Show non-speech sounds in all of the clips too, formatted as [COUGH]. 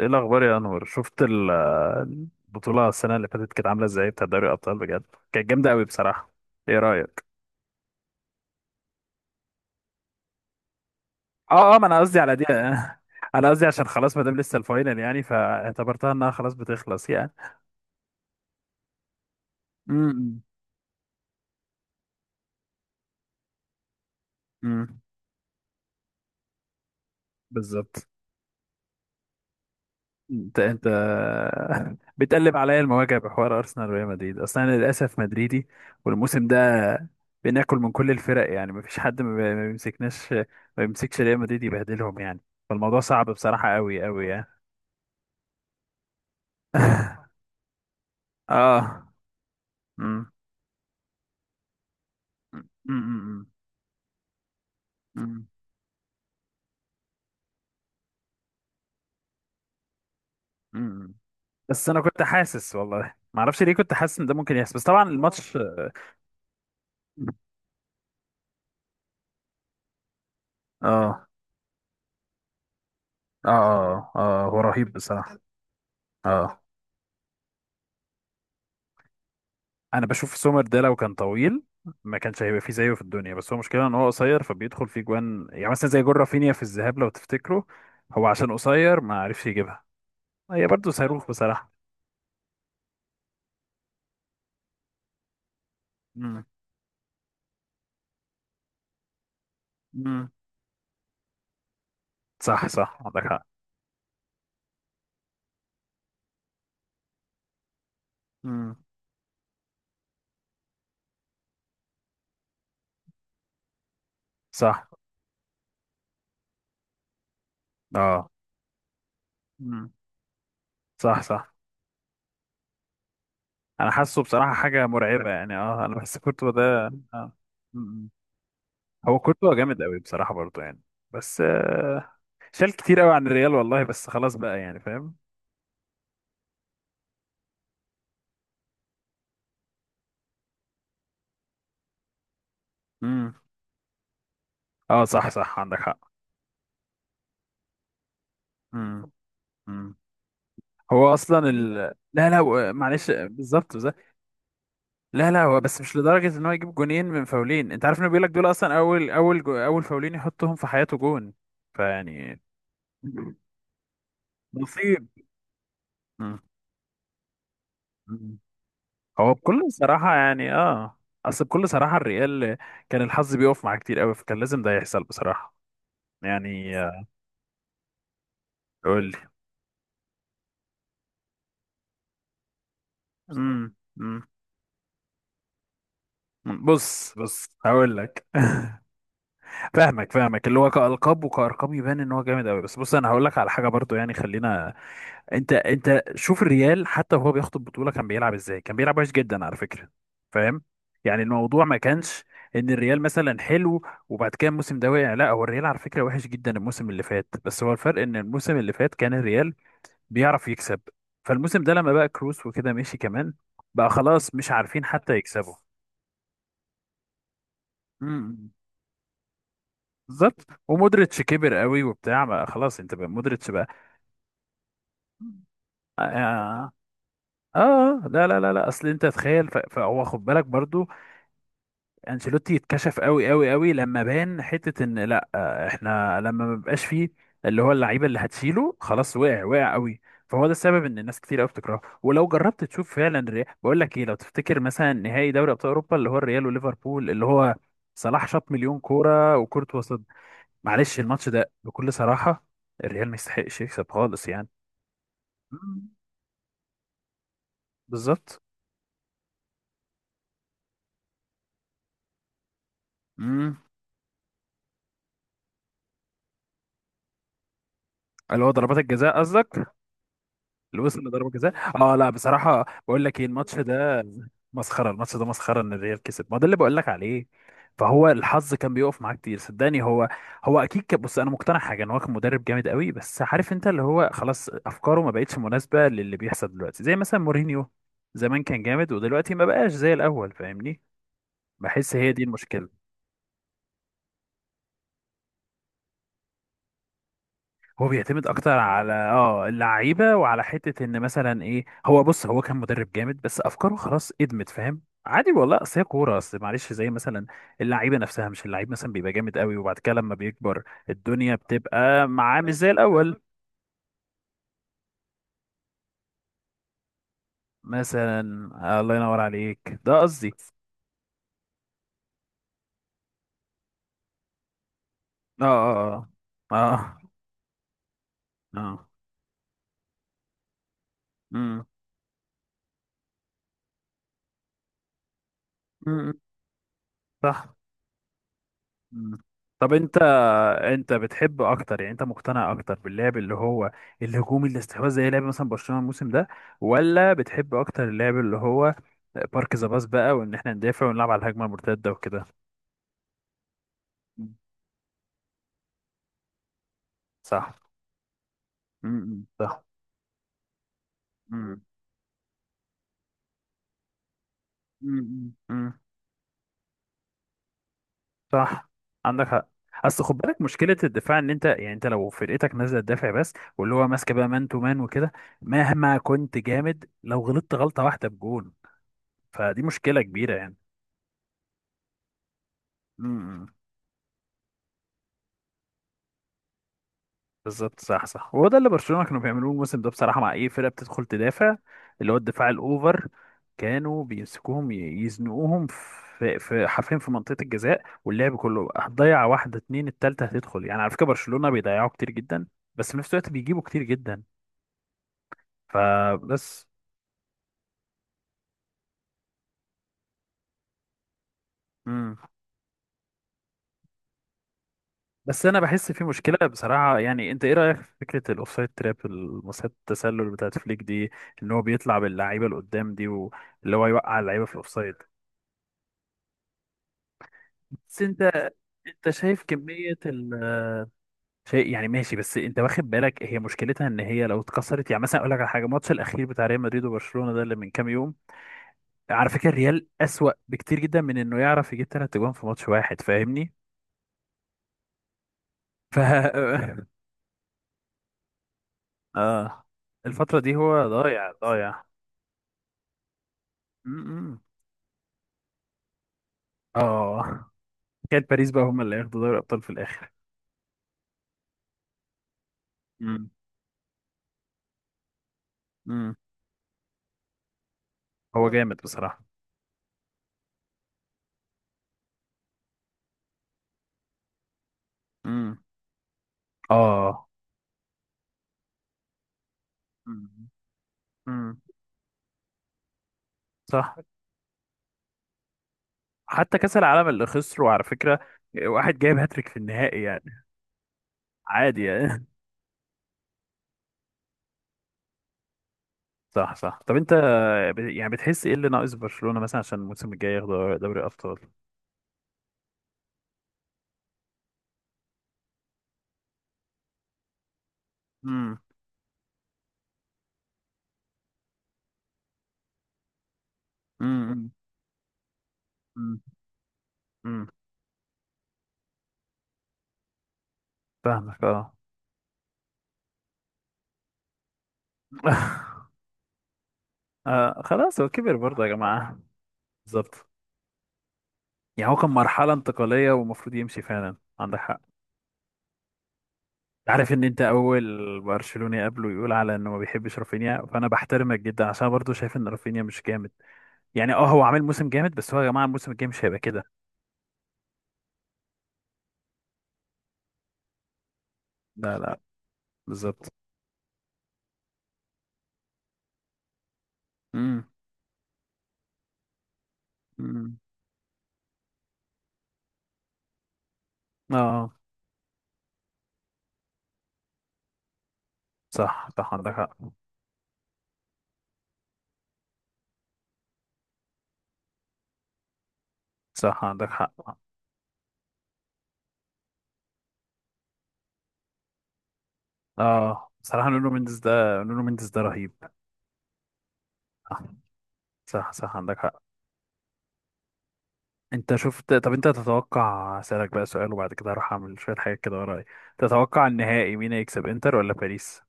ايه الاخبار يا انور شفت البطوله السنه اللي فاتت كانت عامله ازاي بتاع دوري الابطال بجد؟ كانت جامده قوي بصراحه. ايه رايك؟ اه، ما انا قصدي على دي [LAUGHS] انا قصدي عشان خلاص ما دام لسه الفاينل يعني فاعتبرتها انها خلاص بتخلص يعني. امم امم بالظبط. انت بتقلب عليا المواجع بحوار ارسنال وريال مدريد، اصلا انا للاسف مدريدي، والموسم ده بناكل من كل الفرق يعني، مفيش حد ما بيمسكناش، ما بيمسكش ريال مدريد يبهدلهم يعني. فالموضوع صعب بصراحة قوي قوي يعني. [LAUGHS] اه. مم. مم. مم. مم. بس انا كنت حاسس، والله ما اعرفش ليه كنت حاسس ان ده ممكن يحصل، بس طبعا الماتش اه اه هو رهيب بصراحة. اه، انا بشوف سومر ده لو كان طويل ما كانش هيبقى فيه زيه في الدنيا، بس هو مشكلة ان هو قصير فبيدخل فيه جوان، يعني مثلا زي جون رافينيا في الذهاب لو تفتكروا، هو عشان قصير ما عرفش يجيبها. هي برضه صاروخ بصراحة. امم امم صح صح عندك حق. امم. صح. اه. امم. صح صح. انا حاسه بصراحة حاجة مرعبة يعني، اه انا بحس كورتوا ده آه. مم. هو كورتوا جامد قوي بصراحة برضه يعني. بس آه، شال كتير قوي عن الريال والله، بس خلاص بقى يعني، فاهم. امم. اه صح صح عندك حق. مم. مم. هو اصلا لا لا و- معلش، بالظبط بالظبط. لا لا، هو بس مش لدرجه ان هو يجيب جونين من فاولين، انت عارف انه بيقول لك دول اصلا اول فاولين يحطهم في حياته جون. فيعني نصيب. مم. مم. هو بكل صراحه يعني اه، اصل بكل صراحه الريال كان الحظ بيقف معاه كتير قوي، فكان لازم ده يحصل بصراحه يعني آه، قول لي. مم. مم. بص هقول لك. [LAUGHS] فاهمك اللي هو كألقاب وكأرقام يبان ان هو جامد قوي، بس بص انا هقول لك على حاجه برضو، يعني خلينا، انت شوف الريال حتى وهو بياخد البطوله كان بيلعب ازاي، كان بيلعب وحش جدا على فكره، فاهم؟ يعني الموضوع ما كانش ان الريال مثلا حلو وبعد كده الموسم ده وقع، لا، هو الريال على فكره وحش جدا الموسم اللي فات، بس هو الفرق ان الموسم اللي فات كان الريال بيعرف يكسب، فالموسم ده لما بقى كروس وكده ماشي كمان، بقى خلاص مش عارفين حتى يكسبوا. امم. بالظبط، ومودريتش كبر قوي وبتاع، ما خلاص انت بقى مودريتش بقى. اه اه. آه، لا، اصل انت تخيل، فهو خد بالك برضو، انشيلوتي اتكشف قوي قوي قوي لما بان حته ان، لا آه، احنا لما ما بيبقاش فيه اللي هو اللعيبه اللي هتشيله خلاص، وقع وقع قوي. فهو ده السبب ان الناس كتير قوي بتكرهه، ولو جربت تشوف فعلا الريال، بقول لك ايه، لو تفتكر مثلا نهائي دوري ابطال اوروبا اللي هو الريال وليفربول، اللي هو صلاح شاط مليون كوره وكورتوا صد، معلش الماتش ده بكل صراحه الريال ما يستحقش يكسب خالص يعني. مم. بالظبط. مم. اللي هو ضربات الجزاء قصدك؟ اللي وصل لضربة جزاء؟ اه، لا بصراحة بقول لك ايه الماتش ده، مسخرة الماتش ده، مسخرة ان الريال كسب، ما ده اللي بقول لك عليه، فهو الحظ كان بيقف معاه كتير صدقني. هو اكيد كان، بص انا مقتنع حاجة ان هو كان مدرب جامد قوي، بس عارف انت اللي هو خلاص افكاره ما بقتش مناسبة للي بيحصل دلوقتي، زي مثلا مورينيو زمان كان جامد، ودلوقتي ما بقاش زي الاول فاهمني، بحس هي دي المشكلة. هو بيعتمد اكتر على اه اللعيبه، وعلى حته ان مثلا ايه، هو بص هو كان مدرب جامد بس افكاره خلاص ادمت، فاهم؟ عادي والله، اصل هي كوره، اصل معلش زي مثلا اللعيبه نفسها، مش اللعيب مثلا بيبقى جامد قوي وبعد كده لما بيكبر الدنيا بتبقى معاه مش زي الاول. مثلا. آه، الله ينور عليك، ده قصدي. اه اه. اه اه اه. امم. صح. مم. طب انت بتحب اكتر، يعني انت مقتنع اكتر باللعب اللي هو الهجومي الاستحواذ زي لعب مثلا برشلونة الموسم ده، ولا بتحب اكتر اللعب اللي هو بارك ذا باس بقى، وان احنا ندافع ونلعب على الهجمة المرتدة وكده؟ مم. صح. امم. صح. امم. امم صح عندك حق. اصل خد بالك مشكله الدفاع ان انت يعني، انت لو فرقتك نازله تدافع بس، واللي هو ماسكه بقى مان تو مان وكده، مهما كنت جامد لو غلطت غلطه واحده بجون، فدي مشكله كبيره يعني. مم. بالظبط صح صح، وهو ده اللي برشلونة كانوا بيعملوه الموسم ده بصراحة، مع أي فرقة بتدخل تدافع اللي هو الدفاع الأوفر، كانوا بيمسكوهم يزنقوهم في حرفيا في منطقة الجزاء، واللعب كله هتضيع واحدة اتنين التالتة هتدخل، يعني على فكرة برشلونة بيضيعوا كتير جدا، بس في نفس الوقت بيجيبوا كتير جدا، فبس. مم. بس أنا بحس في مشكلة بصراحة، يعني أنت إيه رأيك في فكرة الأوفسايد تراب المصيدة التسلل بتاعت فليك دي، إن هو بيطلع باللعيبة اللي قدام دي واللي هو يوقع اللعيبة في الأوفسايد؟ بس انت شايف كمية ال، شيء، يعني ماشي، بس انت واخد بالك هي مشكلتها ان هي لو اتكسرت، يعني مثلا اقول لك على حاجة، الماتش الاخير بتاع ريال مدريد وبرشلونة ده اللي من كام يوم، على فكرة الريال اسوأ بكتير جدا من انه يعرف يجيب ثلاث اجوان في ماتش واحد، فاهمني؟ ف [LAUGHS] اه، الفترة دي هو ضايع. امم. اه، كانت باريس بقى هم اللي ياخدوا دوري الابطال في الاخر. امم امم هو جامد بصراحة. امم اه. امم امم صح. حتى كأس العالم اللي خسره على فكرة، واحد جايب هاتريك في النهائي يعني، عادي يعني. [LAUGHS] صح صح. طب انت، يعني بتحس ايه اللي ناقص برشلونة مثلا عشان الموسم الجاي ياخد دوري الابطال؟ امم امم امم امم فاهمك اه. [LAUGHS] آه، خلاص هو كبر برضه يا جماعة. بالظبط، يعني هو كان مرحلة انتقالية ومفروض يمشي فعلا عندك حق. عارف ان انت اول برشلوني قبله يقول على انه ما بيحبش رافينيا، فانا بحترمك جدا عشان برضه شايف ان رافينيا مش جامد، يعني اه هو عامل موسم جامد بس هو يا جماعة الموسم الجاي مش هيبقى كده. لا بالظبط. امم امم اه صح صح عندك حق. صح عندك حق. اه، بصراحة نونو مينديز ده، نونو مينديز ده رهيب. صح. صح صح عندك حق. انت شفت، طب انت تتوقع، اسألك بقى سؤال وبعد كده هروح اعمل شوية حاجات كده ورايا، تتوقع النهائي مين هيكسب، انتر ولا باريس؟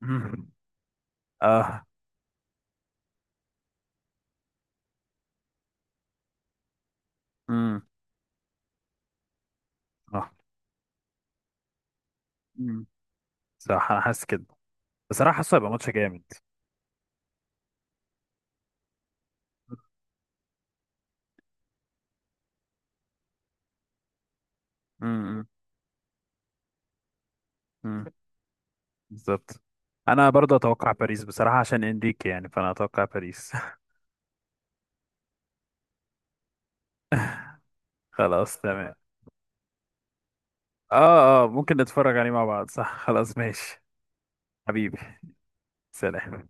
[LAUGHS] مم. اه. امم. اه. امم. صح انا حاسس كده، بصراحة حاسه هيبقى ماتش جامد. امم امم بالظبط. انا برضه اتوقع باريس بصراحة عشان انريكي، يعني فانا اتوقع باريس. خلاص تمام. اه اه، ممكن نتفرج عليه مع بعض، صح، خلاص ماشي. حبيبي، سلام.